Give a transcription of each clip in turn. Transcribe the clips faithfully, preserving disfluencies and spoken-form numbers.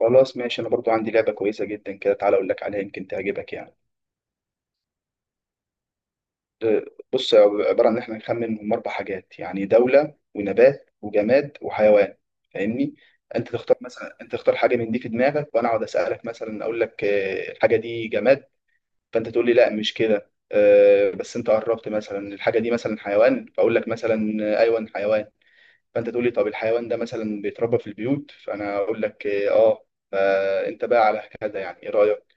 خلاص، ماشي. انا برضو عندي لعبه كويسه جدا كده، تعالى اقول لك عليها، يمكن تعجبك يعني. أه، بص، عباره عن ان احنا نخمن من اربع حاجات يعني دوله ونبات وجماد وحيوان. فاهمني؟ انت تختار، مثلا انت تختار حاجه من دي في دماغك، وانا اقعد اسالك. مثلا اقول لك أه، الحاجه دي جماد، فانت تقول لي لا مش كده. أه، بس انت قربت، مثلا الحاجه دي مثلا حيوان، فاقول لك مثلا أه، ايوه حيوان. فانت تقول لي طب الحيوان ده مثلا بيتربى في البيوت، فانا اقول لك اه. آه، فانت بقى على كده. يعني ايه رايك؟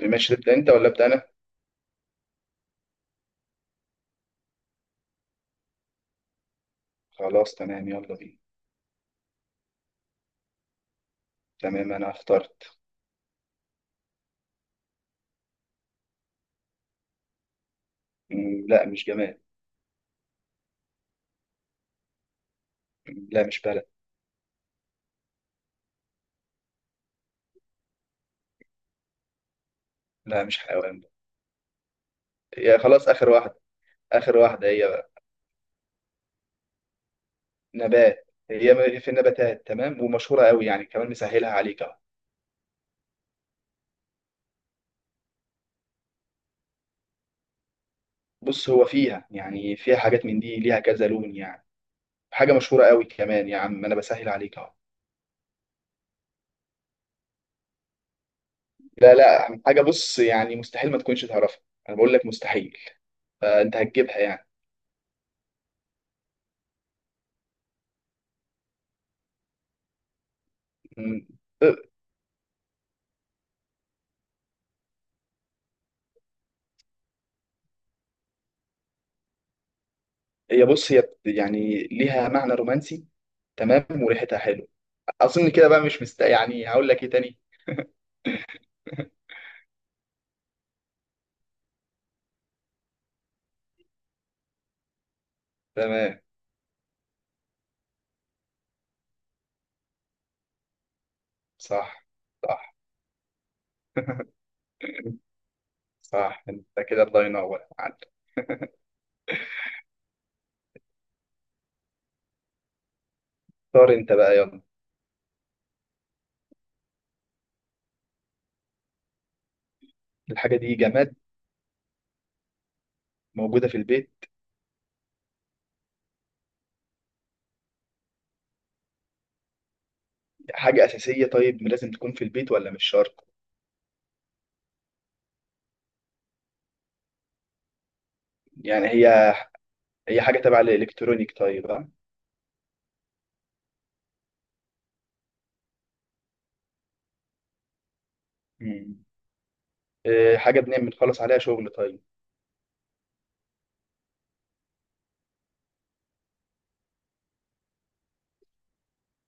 الماتش ده بتاع انت ولا بتاع انا؟ خلاص تمام، يلا بينا. تمام انا اخترت. مم، لا مش جماد. مم، لا مش بلد. لا مش حيوان. يا خلاص اخر واحده. اخر واحده هي بقى نبات. هي م- في النباتات، تمام، ومشهوره قوي يعني، كمان مسهلها عليك اهو. بص، هو فيها يعني، فيها حاجات من دي ليها كذا لون يعني. حاجه مشهوره قوي كمان، يا عم انا بسهل عليك اهو. لا لا، حاجه بص يعني مستحيل ما تكونش تعرفها. انا بقول لك مستحيل. فانت هتجيبها يعني. مم. هي بص، هي بت- يعني ليها معنى رومانسي، تمام، وريحتها حلو. اظن كده بقى مش مست يعني. هقول لك ايه تاني؟ تمام. صح. صح. صح، انت كده الله ينور عليك. اختار انت بقى يلا. الحاجه دي جماد؟ موجوده في البيت؟ حاجه اساسيه طيب، لازم تكون في البيت ولا مش شرط؟ يعني هي. هي حاجه تبع الالكترونيك طيب، ها؟ مم. إيه، حاجه بنعمل بنخلص عليها شغل طيب؟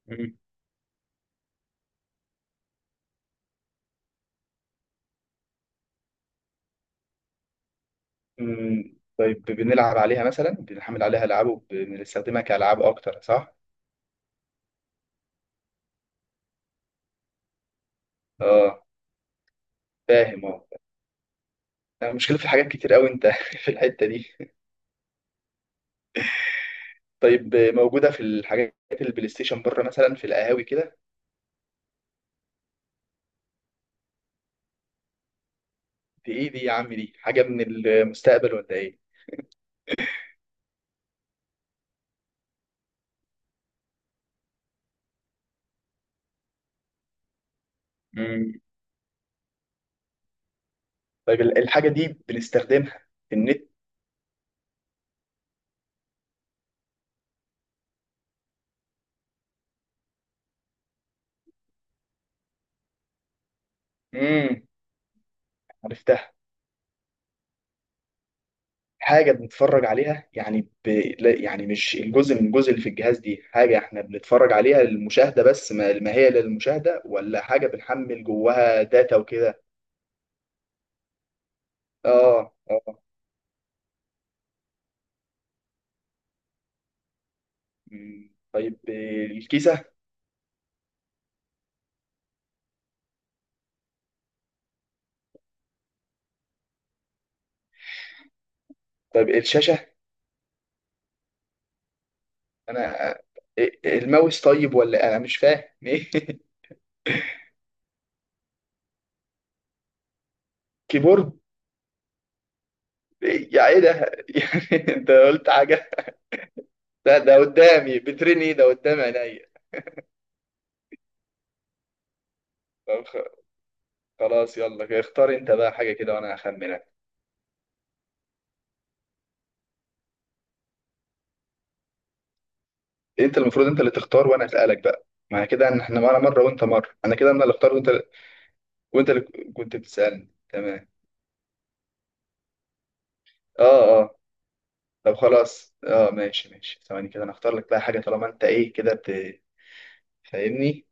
مم. مم. طيب، بنلعب عليها مثلا، بنحمل عليها العاب وبنستخدمها كالعاب اكتر، صح؟ اه، فاهم. المشكلة في حاجات كتير قوي انت في الحتة دي. طيب موجودة في الحاجات، البلاي ستيشن، بره مثلا في القهاوي كده؟ دي ايه دي يا عم؟ دي حاجة من المستقبل ولا ايه؟ امم طيب، ال- الحاجة دي بنستخدمها في النت؟ امم، عرفتها. حاجة بنتفرج عليها يعني ب... لا، يعني مش الجزء من الجزء اللي في الجهاز دي. حاجة احنا بنتفرج عليها للمشاهدة بس؟ ما... ما هي للمشاهدة، ولا حاجة بنحمل جواها داتا وكده؟ اه اه. مم. طيب، الكيسة؟ طيب الشاشة؟ انا إيه- الماوس طيب ولا إيه؟ انا مش فاهم ايه. كيبورد؟ إيه؟ يا ايه ده يعني. انت قلت حاجه. ده ده قدامي بترني. إيه؟ ده قدام عينيا. طب خ- خلاص يلا كده، اختار انت بقى حاجه كده، وانا هخمنك. انت المفروض انت اللي تختار وانا اسالك. بقى معنى كده ان احنا معانا مره وانت مره. انا كده انا اللي اختار، وانت وانت اللي كنت بتسالني، تمام؟ اه اه. طب خلاص، اه ماشي ماشي، ثواني كده انا اختار لك بقى حاجه، طالما انت ايه كده بت- فاهمني.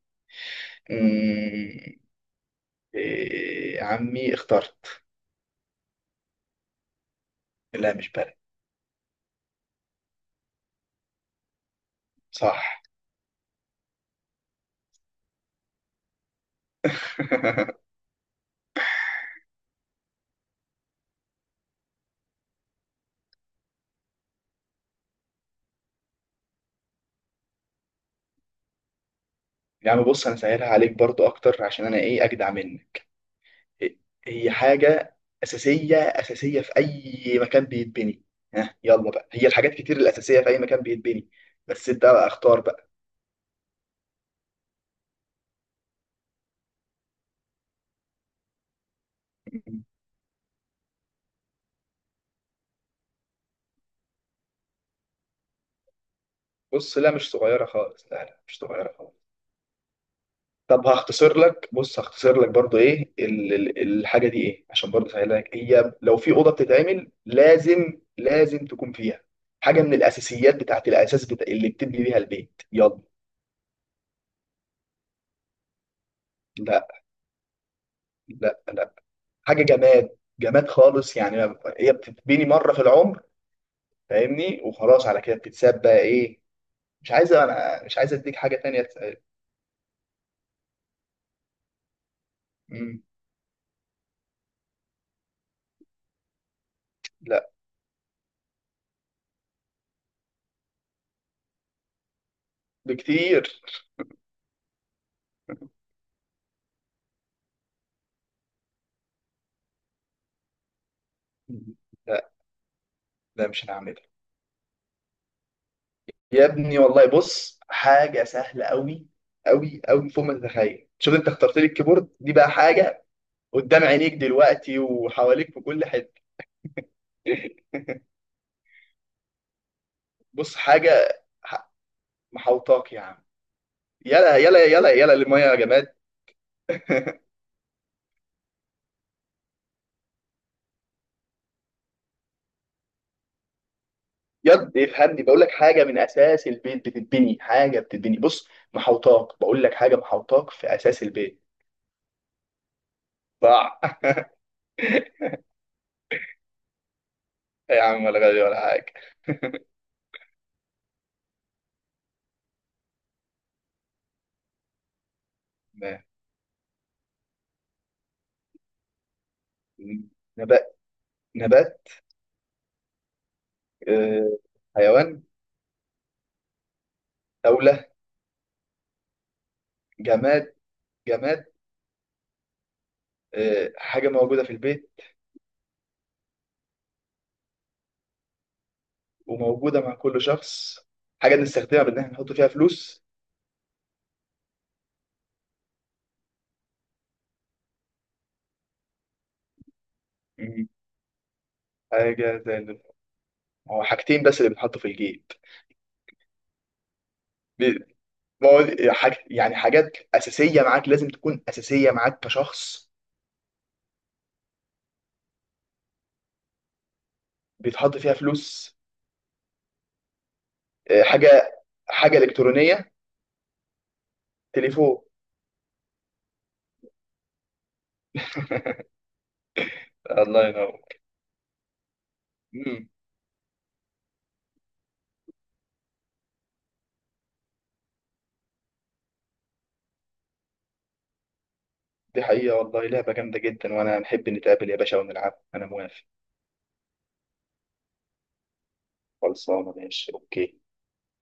مم. إيه يا عمي، اخترت. لا مش بلد. صح. يا عم بص، انا سهلها عليك برضو اكتر، عشان انا ايه، اجدع منك. إيه. هي حاجة اساسية، اساسية في اي مكان بيتبني. ها يلا بقى، هي الحاجات كتير الاساسية في اي مكان بيتبني، بس انت بقى اختار بقى. بص، لا مش صغيرة خالص، لا لا مش صغيرة خالص. طب هختصر لك، بص هختصر لك برضو ايه، ال- ال- الحاجه دي ايه، عشان برضو اسهلها لك. هي لو في اوضه بتتعمل، لازم لازم تكون فيها حاجه من الاساسيات، بتاعت الاساس بتا... اللي بتبني بيها البيت، يلا. لا. لا لا. حاجه جماد، جماد خالص يعني. ما- هي بتتبني مره في العمر. فاهمني؟ وخلاص على كده بتتساب بقى. ايه؟ مش عايز انا مش عايز اديك حاجه تانية تسأل. مم. لا، بكتير. لا، لا مش هنعملها. يا ابني والله، بص، حاجة سهلة أوي أوي أوي، فوق ما تتخيل. شوف، أنت اخترت لي الكيبورد دي، بقى حاجة قدام عينيك دلوقتي وحواليك في كل حتة. بص حاجة ح- محوطاك يا عم. يلا يلا يلا يلا للمية يا جماد. يد، افهمني، بقول لك حاجة من أساس البيت بتتبني. حاجة بتتبني، بص، محوطاك، بقول لك حاجة محوطاك في أساس البيت. صح. يا عم، ولا غالي ولا حاجة. ما- نبات. نبات. آه، حيوان. دولة. جماد. جماد. آه، حاجة موجودة في البيت وموجودة مع كل شخص. حاجة بنستخدمها بإن إحنا نحط فيها فلوس. مم. حاجة زي ال- هو حاجتين بس اللي بنحطوا في الجيب. بي- ما هو حاج... يعني حاجات أساسية معاك، لازم تكون أساسية معاك كشخص، بيتحط فيها فلوس. آه، حاجة حاجة إلكترونية. تليفون. الله ينور. مم. دي حقيقة والله، لعبة جامدة جدا، وأنا نحب نتقابل يا باشا ونلعب، أنا موافق. خلصانة، ماشي أوكي.